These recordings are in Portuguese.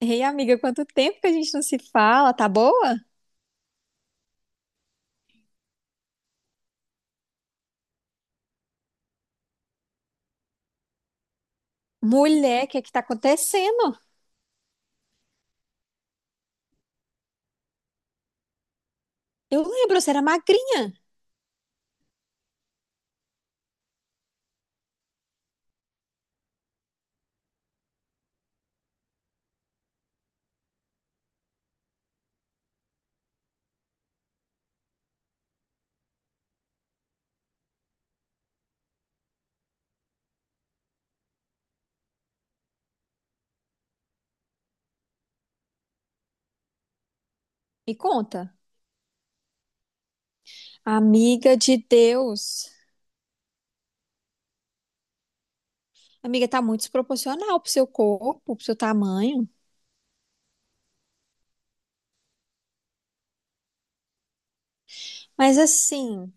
Ei, amiga, quanto tempo que a gente não se fala, tá boa? Mulher, o que é que tá acontecendo? Eu lembro, você era magrinha, me conta. Amiga de Deus. Amiga, tá muito desproporcional pro seu corpo, pro seu tamanho. Mas assim,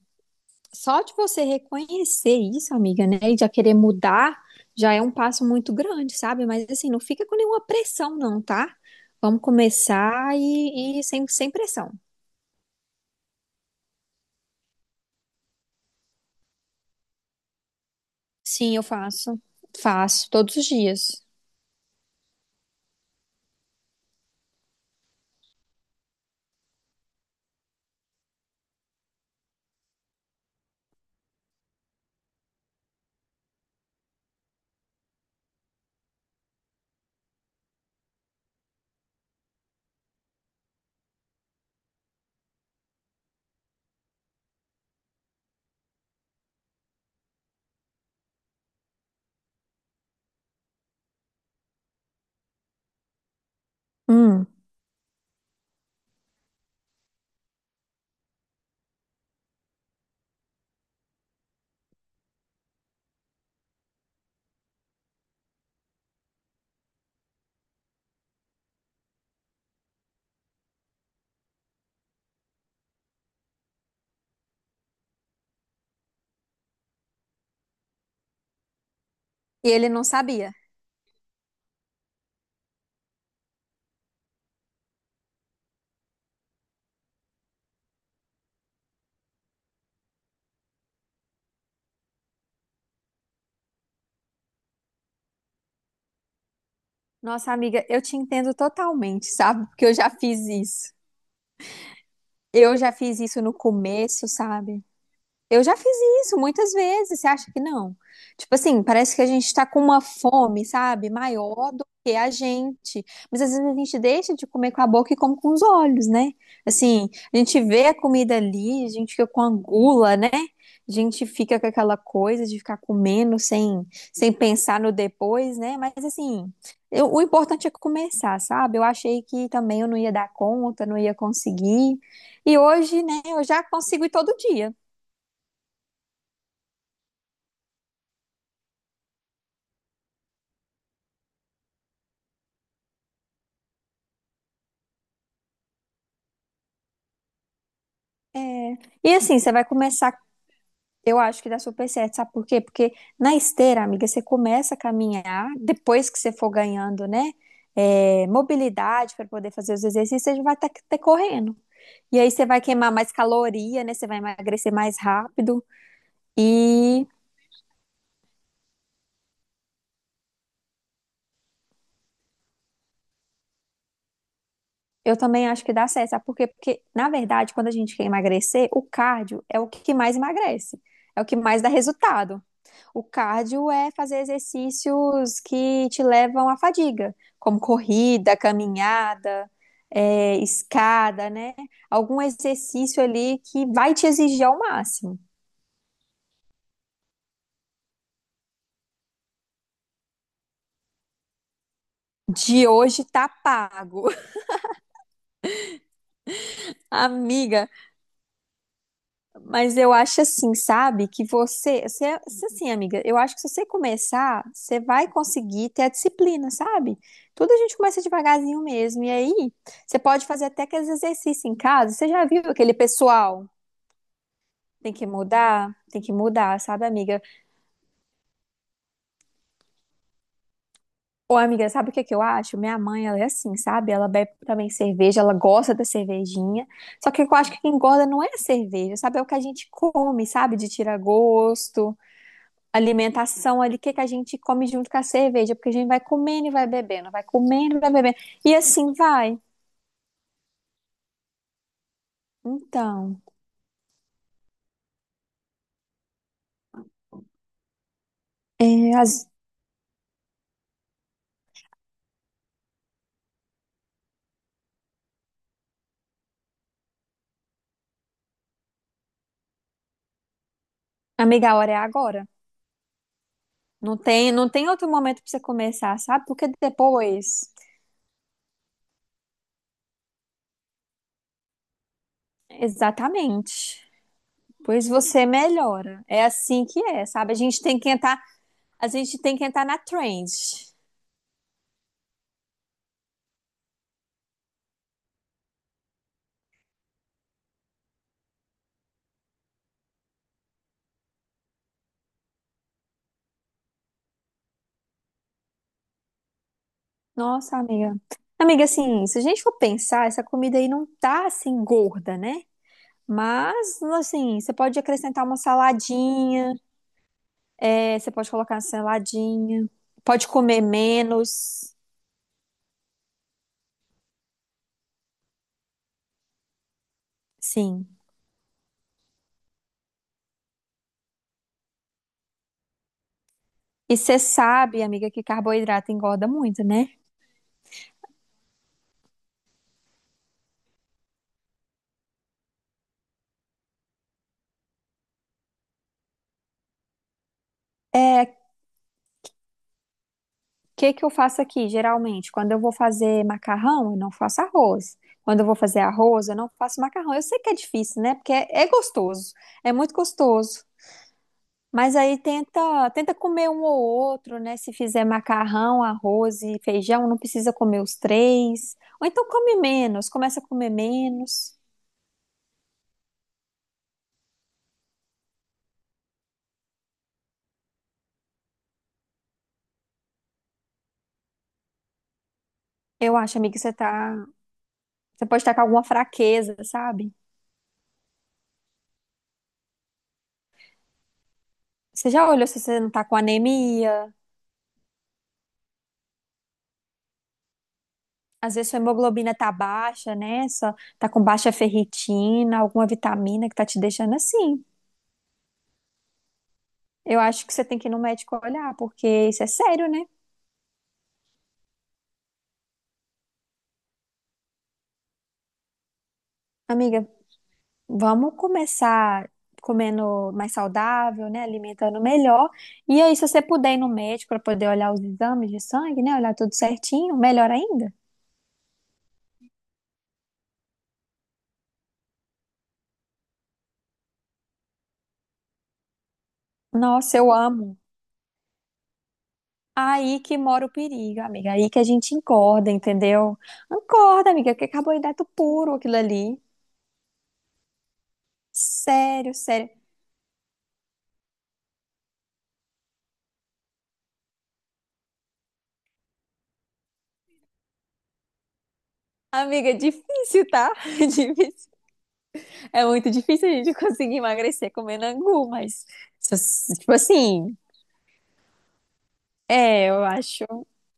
só de você reconhecer isso, amiga, né, e já querer mudar, já é um passo muito grande, sabe? Mas assim, não fica com nenhuma pressão, não, tá? Vamos começar e sem, sem pressão. Sim, eu faço. Faço todos os dias. Hum. E ele não sabia. Nossa, amiga, eu te entendo totalmente, sabe? Porque eu já fiz isso. Eu já fiz isso no começo, sabe? Eu já fiz isso muitas vezes, você acha que não? Tipo assim, parece que a gente tá com uma fome, sabe? Maior do que a gente. Mas às vezes a gente deixa de comer com a boca e come com os olhos, né? Assim, a gente vê a comida ali, a gente fica com a gula, né? A gente fica com aquela coisa de ficar comendo sem, sem pensar no depois, né? Mas assim, o importante é começar, sabe? Eu achei que também eu não ia dar conta, não ia conseguir. E hoje, né, eu já consigo ir todo dia. É. E assim, você vai começar, eu acho que dá super certo, sabe por quê? Porque na esteira, amiga, você começa a caminhar, depois que você for ganhando, né, mobilidade para poder fazer os exercícios, você já vai estar correndo. E aí você vai queimar mais caloria, né, você vai emagrecer mais rápido. E eu também acho que dá certo, sabe por quê? Porque, na verdade, quando a gente quer emagrecer, o cardio é o que mais emagrece, é o que mais dá resultado. O cardio é fazer exercícios que te levam à fadiga, como corrida, caminhada, escada, né? Algum exercício ali que vai te exigir ao máximo. De hoje tá pago, amiga. Mas eu acho assim, sabe? Que você assim, amiga, eu acho que se você começar, você vai conseguir ter a disciplina, sabe? Tudo a gente começa devagarzinho mesmo. E aí, você pode fazer até aqueles exercícios em casa. Você já viu aquele pessoal? Tem que mudar, sabe, amiga? Ô, amiga, sabe o que é que eu acho? Minha mãe, ela é assim, sabe? Ela bebe também cerveja, ela gosta da cervejinha. Só que eu acho que quem engorda não é a cerveja, sabe? É o que a gente come, sabe? De tirar gosto, alimentação ali, o que que a gente come junto com a cerveja, porque a gente vai comendo e vai bebendo, vai comendo e vai bebendo. E assim vai. Então, é, as- amiga, a hora é agora. Não tem, não tem outro momento pra você começar, sabe? Porque depois. Exatamente. Pois você melhora. É assim que é, sabe? A gente tem que entrar, a gente tem que entrar na trend. Nossa, amiga. Amiga, assim, se a gente for pensar, essa comida aí não tá assim gorda, né? Mas, assim, você pode acrescentar uma saladinha, você pode colocar uma saladinha, pode comer menos, sim. E você sabe, amiga, que carboidrato engorda muito, né? É, que eu faço aqui, geralmente? Quando eu vou fazer macarrão, eu não faço arroz. Quando eu vou fazer arroz, eu não faço macarrão. Eu sei que é difícil, né? Porque é gostoso, é muito gostoso. Mas aí tenta, tenta comer um ou outro, né? Se fizer macarrão, arroz e feijão, não precisa comer os três. Ou então come menos, começa a comer menos. Eu acho, amiga, que você tá, você pode estar com alguma fraqueza, sabe? Você já olhou se você não tá com anemia? Às vezes sua hemoglobina tá baixa, né? Só tá com baixa ferritina, alguma vitamina que tá te deixando assim. Eu acho que você tem que ir no médico olhar, porque isso é sério, né? Amiga, vamos começar comendo mais saudável, né? Alimentando melhor. E aí, se você puder ir no médico para poder olhar os exames de sangue, né? Olhar tudo certinho, melhor ainda. Nossa, eu amo. Aí que mora o perigo, amiga. Aí que a gente engorda, entendeu? Encorda, amiga, que é carboidrato puro aquilo ali. Sério, sério. Amiga, é difícil, tá? É difícil. É muito difícil a gente conseguir emagrecer comendo angu, mas tipo assim, é, eu acho,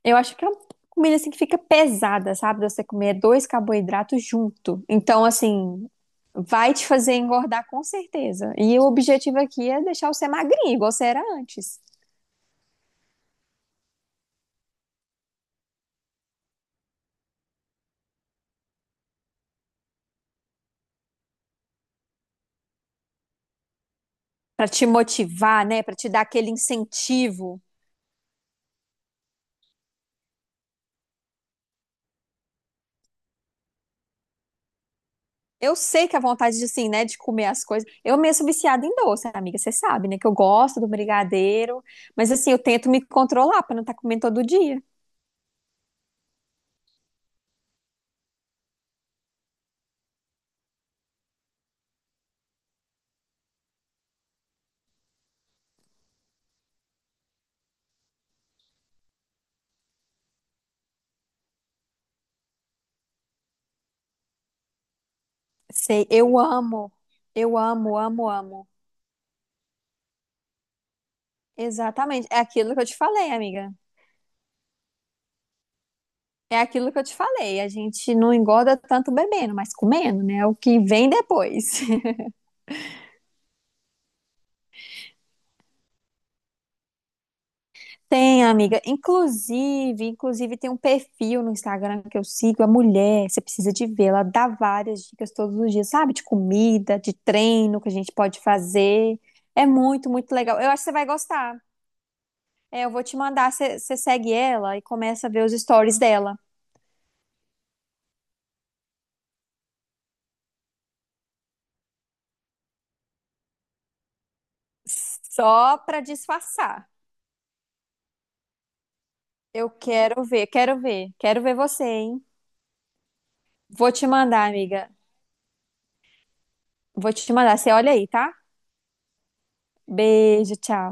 eu acho que é uma comida assim que fica pesada, sabe? Você comer dois carboidratos junto. Então, assim, vai te fazer engordar com certeza. E o objetivo aqui é deixar você magrinho, igual você era antes. Pra te motivar, né? Pra te dar aquele incentivo. Eu sei que a vontade de, assim, né, de comer as coisas. Eu mesmo sou viciada em doce, amiga, você sabe, né? Que eu gosto do brigadeiro, mas assim, eu tento me controlar pra não estar comendo todo dia. Sei, eu amo. Eu amo, amo, amo. Exatamente. É aquilo que eu te falei, amiga. É aquilo que eu te falei. A gente não engorda tanto bebendo, mas comendo, né? É o que vem depois. Tem, amiga. Inclusive, inclusive tem um perfil no Instagram que eu sigo, a mulher, você precisa de ver, ela dá várias dicas todos os dias, sabe? De comida, de treino que a gente pode fazer. É muito, muito legal. Eu acho que você vai gostar. É, eu vou te mandar, você segue ela e começa a ver os stories dela. Só pra disfarçar. Eu quero ver, quero ver, quero ver você, hein? Vou te mandar, amiga. Vou te mandar. Você olha aí, tá? Beijo, tchau.